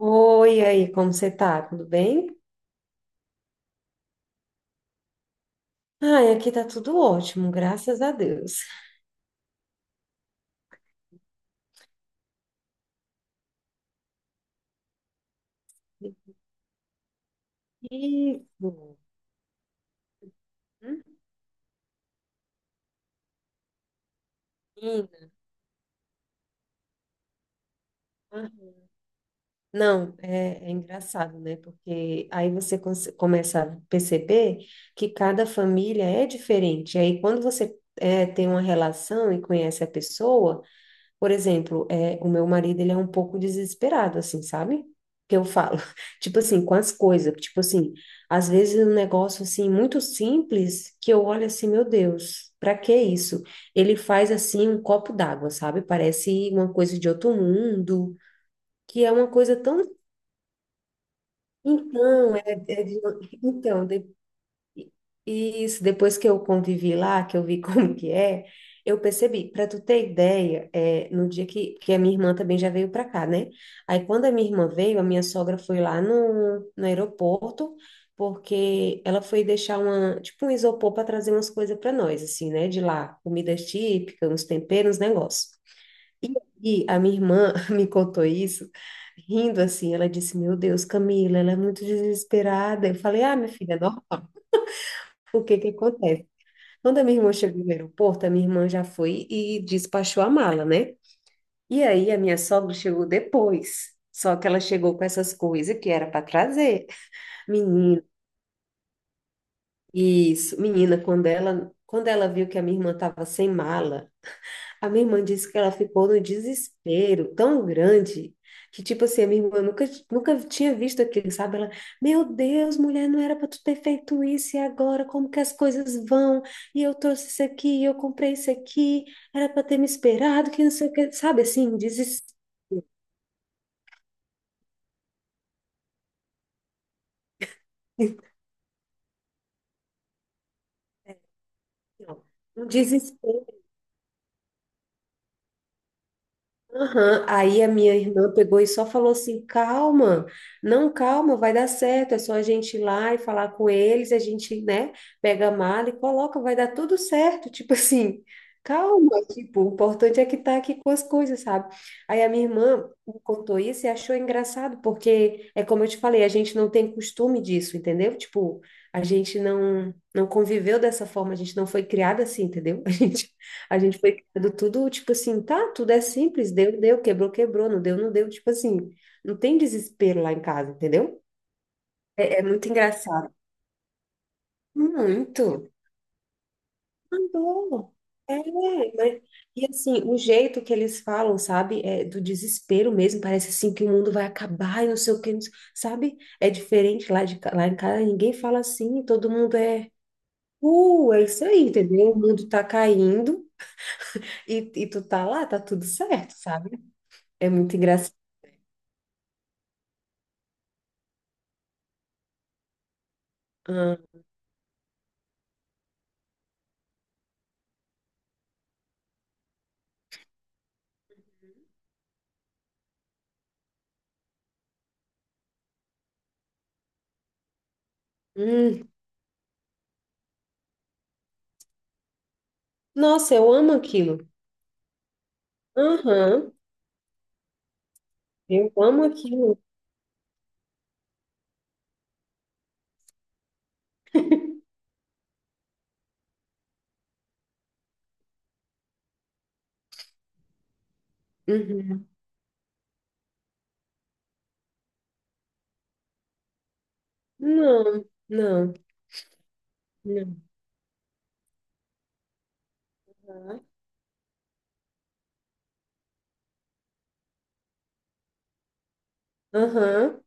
Oi, e aí, como você tá? Tudo bem? Ai, aqui tá tudo ótimo, graças a Deus. Isso. Hum, menina. Ah, não, é, é engraçado, né? Porque aí você começa a perceber que cada família é diferente. Aí quando você é, tem uma relação e conhece a pessoa, por exemplo, é, o meu marido, ele é um pouco desesperado, assim, sabe? Que eu falo, tipo assim, com as coisas, tipo assim, às vezes um negócio, assim, muito simples, que eu olho assim, meu Deus, pra que isso? Ele faz, assim, um copo d'água, sabe? Parece uma coisa de outro mundo, que é uma coisa tão... Então, é, é de- então, e isso, depois que eu convivi lá, que eu vi como que é, eu percebi. Para tu ter ideia, é, no dia que a minha irmã também já veio para cá, né? Aí quando a minha irmã veio, a minha sogra foi lá no aeroporto, porque ela foi deixar uma, tipo um isopor para trazer umas coisas para nós, assim, né? De lá, comidas típicas, uns temperos, uns negócios. E, e a minha irmã me contou isso, rindo assim, ela disse, meu Deus, Camila, ela é muito desesperada. Eu falei, ah, minha filha, é normal. O que que acontece? Quando a minha irmã chegou no aeroporto, a minha irmã já foi e despachou a mala, né? E aí a minha sogra chegou depois. Só que ela chegou com essas coisas que era para trazer. Menina, isso, menina, quando ela viu que a minha irmã estava sem mala, a minha irmã disse que ela ficou no desespero tão grande que, tipo assim, a minha irmã nunca, nunca tinha visto aquilo, sabe? Ela, meu Deus, mulher, não era para tu ter feito isso e agora como que as coisas vão? E eu trouxe isso aqui, e eu comprei isso aqui, era para ter me esperado, que não sei o que, sabe? Assim, um desespero, um desespero. Aham. Aí a minha irmã pegou e só falou assim: calma, não, calma, vai dar certo, é só a gente ir lá e falar com eles, a gente, né, pega a mala e coloca, vai dar tudo certo, tipo assim, calma, tipo, o importante é que tá aqui com as coisas, sabe? Aí a minha irmã me contou isso e achou engraçado, porque é como eu te falei, a gente não tem costume disso, entendeu? Tipo, a gente não conviveu dessa forma, a gente não foi criada assim, entendeu? A gente foi criando tudo, tipo assim, tá, tudo é simples, deu, deu, quebrou, quebrou, não deu, não deu, tipo assim, não tem desespero lá em casa, entendeu? É, é muito engraçado. Muito. Mandou. É, mas, e assim, o jeito que eles falam, sabe, é do desespero mesmo, parece assim que o mundo vai acabar e não sei o que, não sei- sabe? É diferente lá, de, lá em casa, ninguém fala assim, todo mundo é, é isso aí, entendeu? O mundo tá caindo e tu tá lá, tá tudo certo, sabe? É muito engraçado. Ah, hum. Nossa, eu amo aquilo. Aham, eu amo aquilo. Uhum. Não, não, não. Aham,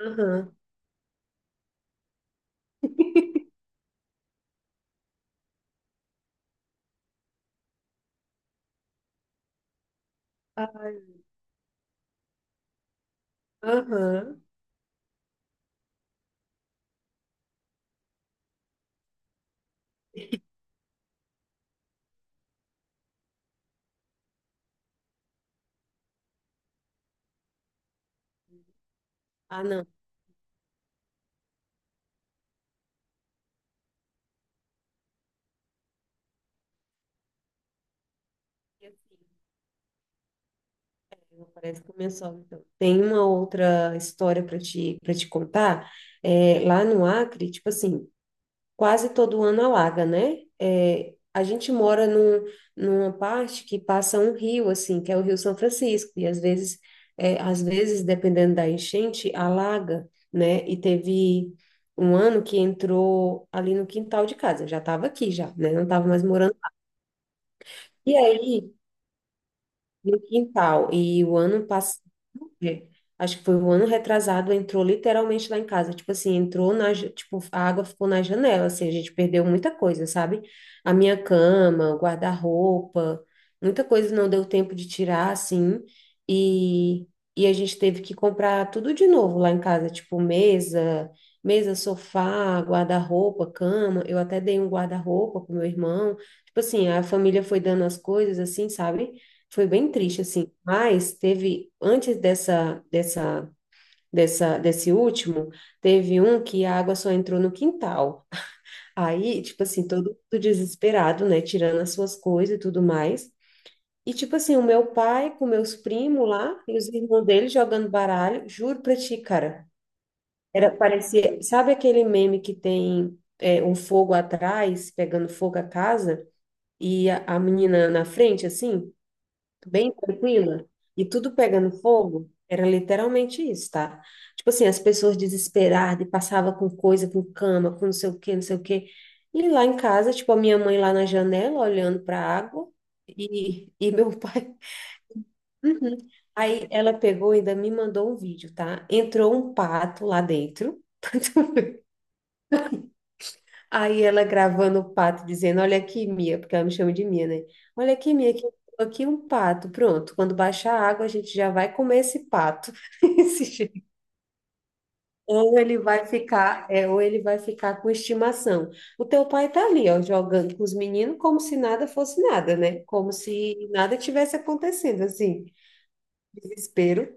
aham, aham. Ah, não. E assim, parece que começou, então. Tem uma outra história para te contar. É, lá no Acre, tipo assim, quase todo ano alaga, né? É, a gente mora num, numa parte que passa um rio, assim, que é o Rio São Francisco, e às vezes, é, às vezes, dependendo da enchente, alaga, né? E teve um ano que entrou ali no quintal de casa, eu já estava aqui já, né? Não estava mais morando. E aí no quintal. E o ano passado, é, acho que foi o ano retrasado, entrou literalmente lá em casa. Tipo assim, entrou na, tipo, a água ficou na janela, assim, a gente perdeu muita coisa, sabe? A minha cama, o guarda-roupa, muita coisa não deu tempo de tirar, assim, e, e a gente teve que comprar tudo de novo lá em casa, tipo mesa, mesa, sofá, guarda-roupa, cama. Eu até dei um guarda-roupa pro meu irmão. Tipo assim, a família foi dando as coisas, assim, sabe? Foi bem triste, assim. Mas teve, antes dessa, dessa, dessa, desse último, teve um que a água só entrou no quintal. Aí, tipo assim, todo mundo desesperado, né? Tirando as suas coisas e tudo mais. E, tipo assim, o meu pai com meus primos lá e os irmãos dele jogando baralho. Juro pra ti, cara. Era, parecia, sabe aquele meme que tem é, um fogo atrás, pegando fogo a casa, e a menina na frente, assim? Bem tranquila e tudo pegando fogo, era literalmente isso, tá? Tipo assim, as pessoas desesperadas e passava com coisa, com cama, com não sei o quê, não sei o quê. E lá em casa, tipo, a minha mãe lá na janela olhando para a água e meu pai. Uhum. Aí ela pegou e ainda me mandou um vídeo, tá? Entrou um pato lá dentro. Aí ela gravando o pato, dizendo: olha aqui, Mia, porque ela me chama de Mia, né? Olha aqui, Mia, que eu tô aqui um pato. Pronto, quando baixar a água, a gente já vai comer esse pato. Esse jeito. Ou ele vai ficar, é, ou ele vai ficar com estimação. O teu pai tá ali, ó, jogando com os meninos como se nada fosse nada, né? Como se nada tivesse acontecendo, assim. Desespero.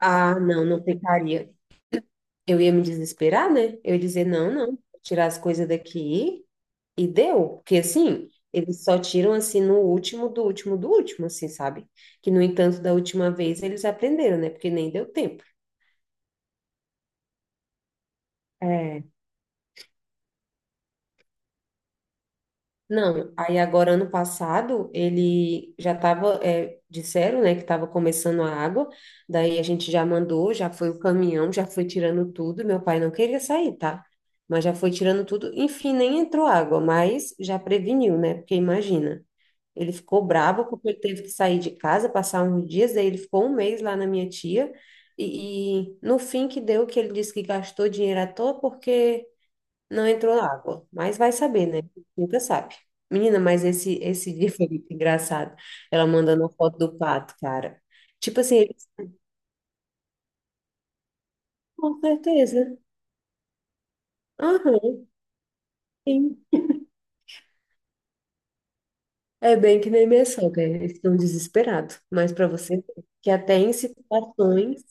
Ah, não, não ficaria. Eu ia me desesperar, né? Eu ia dizer: não, não, tirar as coisas daqui. E deu, porque assim, eles só tiram assim no último do último do último, assim, sabe? Que no entanto, da última vez eles aprenderam, né? Porque nem deu tempo. É. Não, aí agora ano passado ele já estava, disseram, né, que estava começando a água, daí a gente já mandou, já foi o caminhão, já foi tirando tudo, meu pai não queria sair, tá? Mas já foi tirando tudo, enfim, nem entrou água, mas já preveniu, né? Porque imagina. Ele ficou bravo porque ele teve que sair de casa, passar uns dias, daí ele ficou um mês lá na minha tia, e no fim que deu que ele disse que gastou dinheiro à toa porque não entrou água. Mas vai saber, né? Nunca sabe. Menina, mas esse dia foi muito engraçado. Ela mandando a foto do pato, cara. Tipo assim, ele, com certeza. Aham, sim. É bem que nem minha sogra, eles estão desesperados. Mas para você, ver que até em situações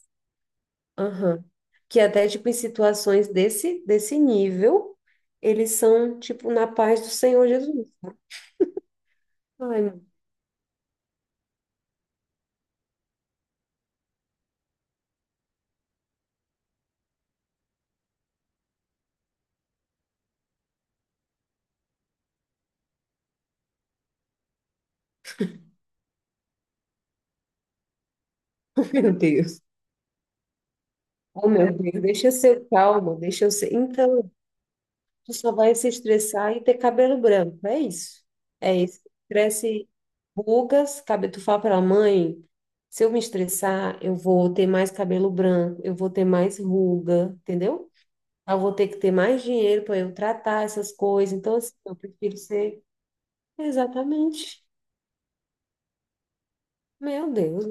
aham. Que até, tipo, em situações desse, desse nível, eles são, tipo, na paz do Senhor Jesus. Ai, meu Deus. Oh, meu Deus, deixa eu ser calma, deixa eu ser. Então, tu só vai se estressar e ter cabelo branco, é isso. É isso. Cresce rugas, cabelo. Tu fala pra mãe, se eu me estressar, eu vou ter mais cabelo branco, eu vou ter mais ruga, entendeu? Eu vou ter que ter mais dinheiro para eu tratar essas coisas. Então, assim, eu prefiro ser. Exatamente. Meu Deus.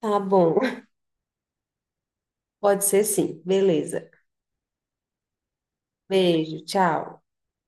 Tá bom. Pode ser sim. Beleza. Beijo, tchau.